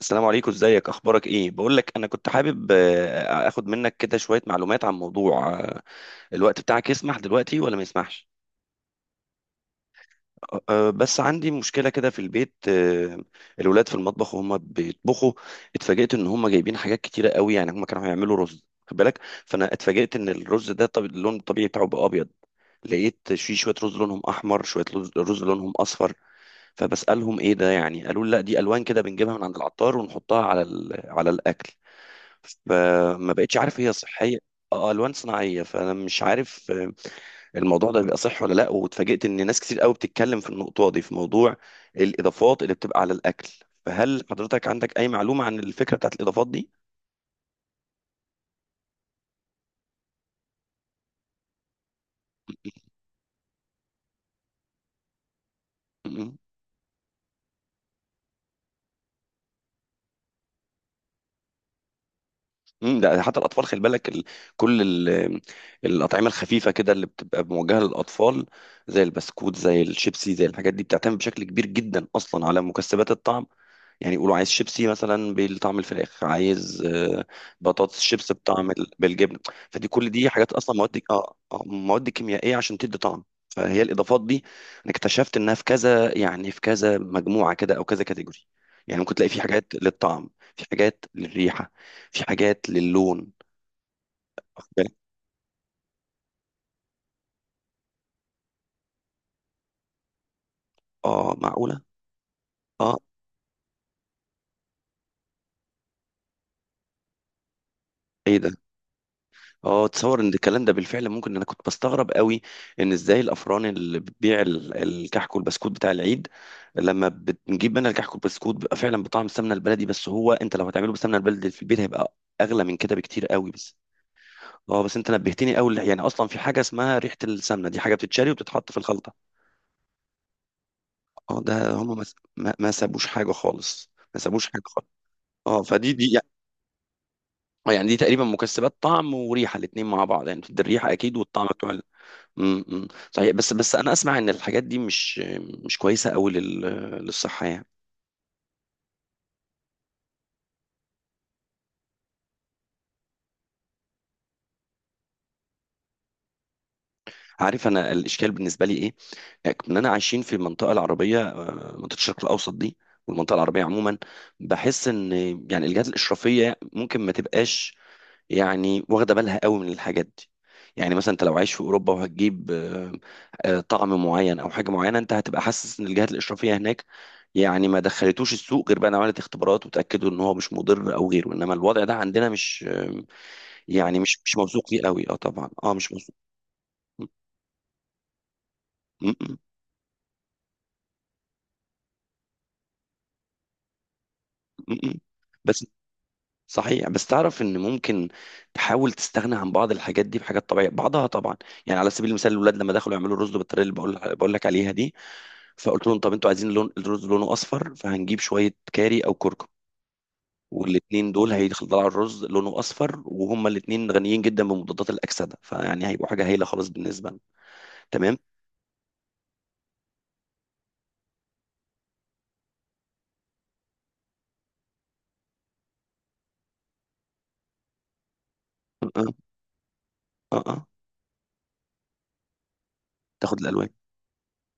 السلام عليكم، ازيك، اخبارك ايه؟ بقول لك انا كنت حابب اخد منك كده شوية معلومات عن موضوع الوقت بتاعك يسمح دلوقتي ولا ما يسمحش؟ بس عندي مشكلة كده في البيت. الولاد في المطبخ وهم بيطبخوا. اتفاجئت ان هم جايبين حاجات كتيرة قوي، يعني هم كانوا هيعملوا رز، خد بالك. فانا اتفاجئت ان الرز ده، طب اللون الطبيعي بتاعه بقى ابيض، لقيت في شوية رز لونهم احمر، شوية رز لونهم اصفر. فبسألهم ايه ده يعني، قالوا لي لا دي الوان كده بنجيبها من عند العطار ونحطها على على الاكل. فما بقتش عارف هي صحيه. اه، الوان صناعيه، فانا مش عارف. الموضوع ده بيبقى صح ولا لا؟ واتفاجئت ان ناس كتير قوي بتتكلم في النقطه دي، في موضوع الاضافات اللي بتبقى على الاكل. فهل حضرتك عندك اي معلومه عن الفكره بتاعت الاضافات دي؟ م- م. ده حتى الاطفال، خلي بالك كل ال... الاطعمه الخفيفه كده اللي بتبقى موجهه للاطفال، زي البسكوت، زي الشيبسي، زي الحاجات دي، بتعتمد بشكل كبير جدا اصلا على مكسبات الطعم. يعني يقولوا عايز شيبسي مثلا بطعم الفراخ، عايز بطاطس شيبس بطعم بالجبن. فدي كل دي حاجات اصلا مواد مواد كيميائيه عشان تدي طعم. فهي الاضافات دي انا اكتشفت انها في كذا، يعني في كذا مجموعه كده، او كذا كاتيجوري. يعني ممكن تلاقي في حاجات للطعم، في حاجات للريحه، في حاجات للون. واخد بالك؟ اه معقوله. اه، ايه ده؟ اه، تصور ان الكلام ده بالفعل ممكن. انا كنت بستغرب قوي ان ازاي الافران اللي بتبيع الكحك والبسكوت بتاع العيد، لما بنجيب منها الكحك والبسكوت بيبقى فعلا بطعم السمنه البلدي. بس هو انت لو هتعمله بالسمنه البلدي في البيت هيبقى اغلى من كده بكتير قوي. بس اه، بس انت نبهتني قوي، يعني اصلا في حاجه اسمها ريحه السمنه، دي حاجه بتتشري وبتتحط في الخلطه. اه، ده هم ما سابوش حاجه خالص، ما سابوش حاجه خالص. اه، فدي دي، يعني دي تقريبا مكسبات طعم وريحه الاتنين مع بعض، يعني بتدي الريحه اكيد والطعم بتوع. أمم. صحيح، بس انا اسمع ان الحاجات دي مش كويسه قوي للصحه يعني. عارف انا الاشكال بالنسبه لي ايه؟ اننا عايشين في المنطقه العربيه، منطقه الشرق الاوسط دي، والمنطقه العربيه عموما. بحس ان يعني الجهات الاشرافيه ممكن ما تبقاش يعني واخده بالها قوي من الحاجات دي. يعني مثلا انت لو عايش في اوروبا وهتجيب طعم معين او حاجه معينه، انت هتبقى حاسس ان الجهات الاشرافيه هناك يعني ما دخلتوش السوق غير بقى إن عملت اختبارات وتاكدوا ان هو مش مضر او غيره. انما الوضع ده عندنا مش يعني مش موثوق فيه قوي. اه طبعا، اه مش موثوق. م- م- م- م- بس صحيح، بس تعرف ان ممكن تحاول تستغنى عن بعض الحاجات دي بحاجات طبيعيه، بعضها طبعا. يعني على سبيل المثال، الاولاد لما دخلوا يعملوا الرز بالطريقه اللي بقول لك عليها دي، فقلت لهم طب انتوا عايزين لون الرز لونه اصفر، فهنجيب شويه كاري او كركم، والاتنين دول هيطلعوا الرز لونه اصفر، وهما الاتنين غنيين جدا بمضادات الاكسده، فيعني هيبقوا حاجه هايله خالص بالنسبه لنا. تمام. اه اه اه أه. تاخد الالوان،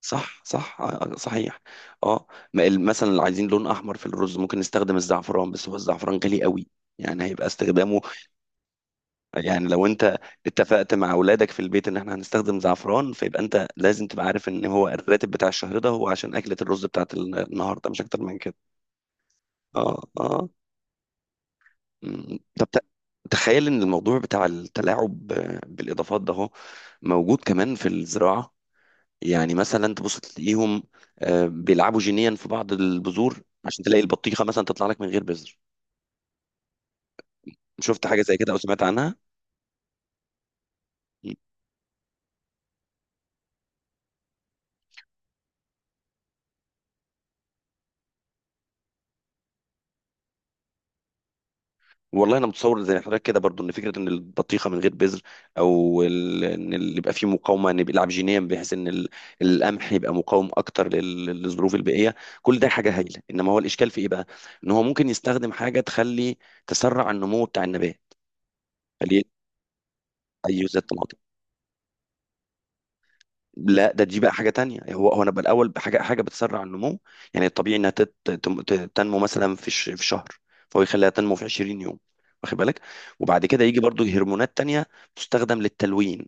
صح صح صحيح. اه، ما مثلا لو عايزين لون احمر في الرز ممكن نستخدم الزعفران، بس هو الزعفران غالي قوي، يعني هيبقى استخدامه، يعني لو انت اتفقت مع اولادك في البيت ان احنا هنستخدم زعفران، فيبقى انت لازم تبقى عارف ان هو الراتب بتاع الشهر ده هو عشان اكلة الرز بتاعت النهارده، مش اكتر من كده. اه اه. مم. طب تخيل ان الموضوع بتاع التلاعب بالاضافات ده هو موجود كمان في الزراعة. يعني مثلا تبص تلاقيهم بيلعبوا جينيا في بعض البذور عشان تلاقي البطيخة مثلا تطلع لك من غير بذر. شفت حاجة زي كده او سمعت عنها؟ والله انا متصور زي حضرتك كده برضو، ان فكره ان البطيخه من غير بذر، او ان اللي يبقى فيه مقاومه ان يبقى العبجينيه بحيث ان القمح يبقى مقاوم اكتر للظروف البيئيه، كل ده حاجه هايله. انما هو الاشكال في ايه بقى؟ ان هو ممكن يستخدم حاجه تخلي تسرع النمو بتاع النبات. فليه؟ اي زي الطماطم. لا، ده دي بقى حاجه تانية. هو هو انا بقى الاول بحاجه بتسرع النمو. يعني الطبيعي انها تنمو مثلا في في شهر، فهو يخليها تنمو في 20 يوم، واخد بالك؟ وبعد كده يجي برضو هرمونات تانية تستخدم للتلوين،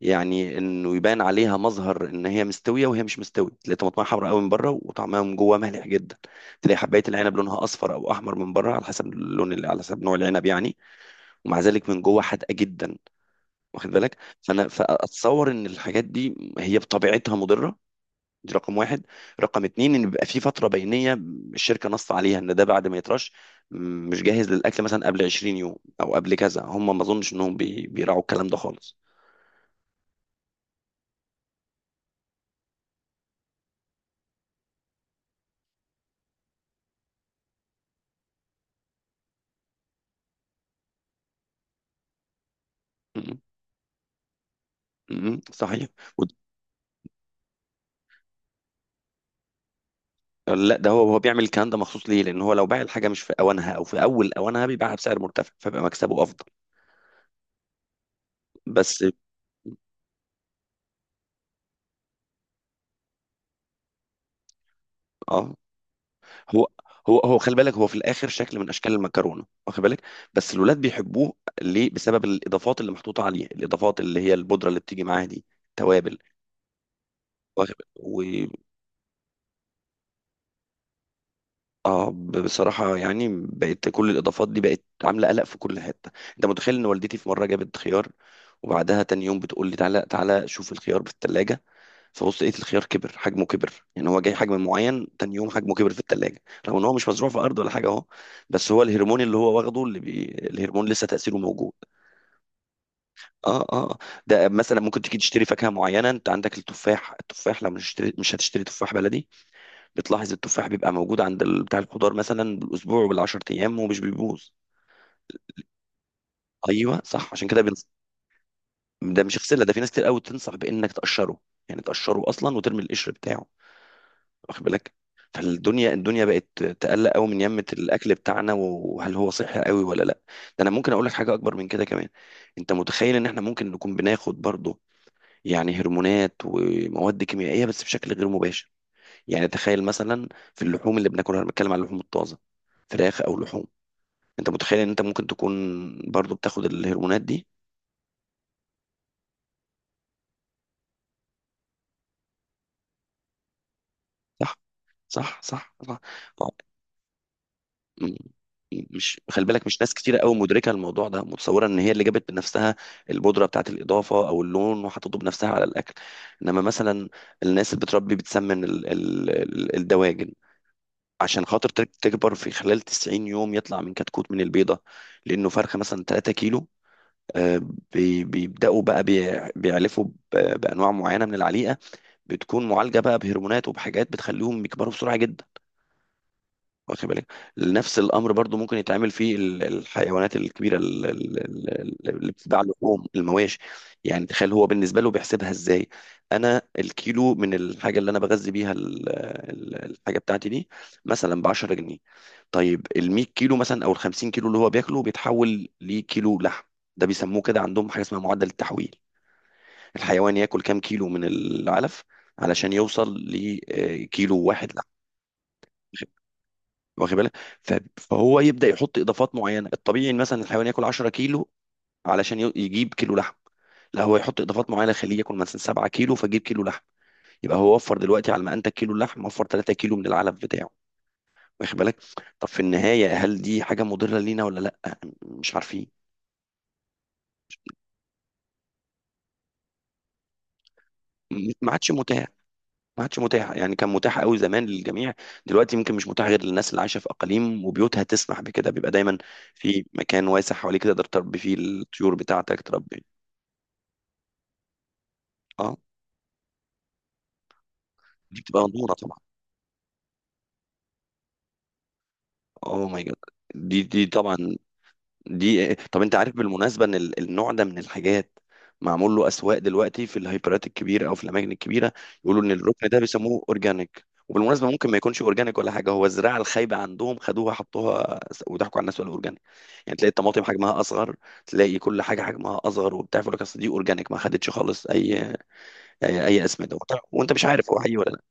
يعني انه يبان عليها مظهر ان هي مستويه وهي مش مستويه. تلاقي طماطمها حمراء قوي من بره وطعمها من جوه مالح جدا، تلاقي حبايه العنب لونها اصفر او احمر من بره، على حسب اللون اللي، على حسب نوع العنب يعني، ومع ذلك من جوه حادقه جدا. واخد بالك؟ فانا فاتصور ان الحاجات دي هي بطبيعتها مضره. دي رقم واحد. رقم اتنين ان بيبقى في فتره بينيه الشركه نص عليها ان ده بعد ما يترش مش جاهز للاكل مثلا قبل 20 يوم او قبل كذا، هم ما اظنش انهم بيراعوا الكلام ده خالص. م- صحيح. ود- لا، ده هو هو بيعمل الكلام ده مخصوص ليه، لان هو لو باع الحاجه مش في اوانها او في اول اوانها بيبيعها بسعر مرتفع، فبيبقى مكسبه افضل. بس اه، هو هو خلي بالك، هو في الاخر شكل من اشكال المكرونه، واخد بالك؟ بس الولاد بيحبوه، ليه؟ بسبب الاضافات اللي محطوطه عليه، الاضافات اللي هي البودره اللي بتيجي معاها دي، توابل. واخد بالك؟ و اه، بصراحه يعني بقت كل الاضافات دي بقت عامله قلق في كل حته. انت متخيل ان والدتي في مره جابت خيار، وبعدها تاني يوم بتقول لي تعالى تعالى شوف الخيار في الثلاجه، فبص لقيت الخيار كبر، حجمه كبر. يعني هو جاي حجم معين، تاني يوم حجمه كبر في التلاجة، رغم ان هو مش مزروع في ارض ولا حاجه اهو، بس هو الهرمون اللي هو واخده اللي بي... الهرمون لسه تاثيره موجود. اه اه. ده مثلا ممكن تيجي تشتري فاكهه معينه، انت عندك التفاح، التفاح لما مش هتشتري تفاح بلدي، بتلاحظ التفاح بيبقى موجود عند بتاع الخضار مثلا بالاسبوع وبالعشر ايام ومش بيبوظ. ايوه صح، عشان كده بنص... ده مش غسله، ده في ناس كتير قوي تنصح بانك تقشره، يعني تقشره اصلا وترمي القشر بتاعه، واخد بالك؟ فالدنيا بقت تقلق قوي من يمة الاكل بتاعنا، وهل هو صحي قوي ولا لا. ده انا ممكن اقول لك حاجه اكبر من كده كمان. انت متخيل ان احنا ممكن نكون بناخد برضه يعني هرمونات ومواد كيميائيه بس بشكل غير مباشر؟ يعني تخيل مثلا، في اللحوم اللي بناكلها، انا بتكلم على اللحوم الطازه، فراخ او لحوم، انت متخيل ان انت ممكن تكون برضه بتاخد الهرمونات دي؟ صح صح صح صح. م- مش خلي بالك، مش ناس كتيرة قوي مدركة الموضوع ده، متصورة ان هي اللي جابت بنفسها البودرة بتاعت الإضافة او اللون وحطته بنفسها على الأكل. انما مثلا الناس اللي بتربي بتسمن الدواجن عشان خاطر تكبر في خلال 90 يوم، يطلع من كتكوت من البيضة لأنه فرخة مثلا 3 كيلو. آه، بيبدأوا بقى بيعلفوا بأنواع معينة من العليقة، بتكون معالجة بقى بهرمونات وبحاجات بتخليهم يكبروا بسرعة جدا، واخد بالك؟ نفس الامر برضو ممكن يتعمل في الحيوانات الكبيره، اللي بتتباع، لحوم المواشي. يعني تخيل هو بالنسبه له بيحسبها ازاي. انا الكيلو من الحاجه اللي انا بغذي بيها الحاجه بتاعتي دي مثلا ب 10 جنيه، طيب ال 100 كيلو مثلا او ال 50 كيلو اللي هو بياكله بيتحول لكيلو لحم. ده بيسموه كده عندهم حاجه اسمها معدل التحويل، الحيوان ياكل كام كيلو من العلف علشان يوصل لكيلو واحد لحم. واخد بالك؟ فهو يبدا يحط اضافات معينه. الطبيعي إن مثلا الحيوان ياكل 10 كيلو علشان يجيب كيلو لحم، لا هو يحط اضافات معينه خليه ياكل مثلا 7 كيلو فجيب كيلو لحم، يبقى هو وفر دلوقتي على ما انتج كيلو اللحم وفر 3 كيلو من العلف بتاعه. واخد بالك؟ طب في النهايه هل دي حاجه مضره لينا ولا لا؟ مش عارفين. ما عادش متاح، ما عادش متاح، يعني كان متاح قوي زمان للجميع، دلوقتي يمكن مش متاح غير للناس اللي عايشه في اقاليم وبيوتها تسمح بكده، بيبقى دايما في مكان واسع حواليك تقدر تربي فيه الطيور بتاعتك، تربي. اه، دي بتبقى غنورة طبعا، اوه ماي جاد. دي دي طبعا دي. طب انت عارف بالمناسبة ان النوع ده من الحاجات معمول له اسواق دلوقتي في الهايبرات الكبيرة او في الاماكن الكبيرة، يقولوا ان الركن ده بيسموه اورجانيك. وبالمناسبة ممكن ما يكونش اورجانيك ولا حاجة، هو الزراعة الخايبة عندهم خدوها حطوها وضحكوا على الناس ولا اورجانيك. يعني تلاقي الطماطم حجمها اصغر، تلاقي كل حاجة حجمها اصغر وبتاع، فيقول لك اصل دي اورجانيك ما خدتش خالص أي اسمدة وبتاع. وانت مش عارف هو حقيقي ولا لا.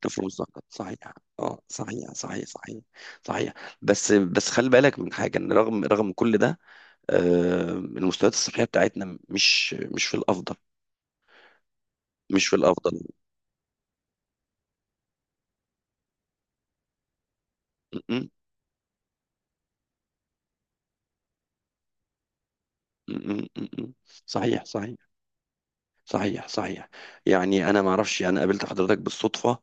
تفوز لقب صحيح. اه صحيح. صحيح، بس خلي بالك من حاجه، ان رغم كل ده، المستويات الصحيه بتاعتنا مش في الافضل، مش في الافضل. م- م- م- م- م- م. صحيح صحيح صحيح. يعني انا ما اعرفش، يعني انا قابلت حضرتك بالصدفة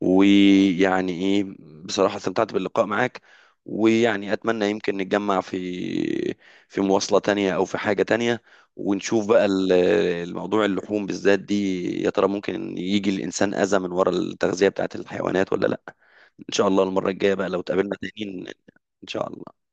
ويعني ايه، بصراحة استمتعت باللقاء معاك، ويعني اتمنى يمكن نتجمع في في مواصلة تانية او في حاجة تانية، ونشوف بقى الموضوع، اللحوم بالذات دي يا ترى ممكن يجي الانسان اذى من ورا التغذية بتاعت الحيوانات ولا لا. ان شاء الله المرة الجاية بقى لو اتقابلنا تاني، ان شاء الله.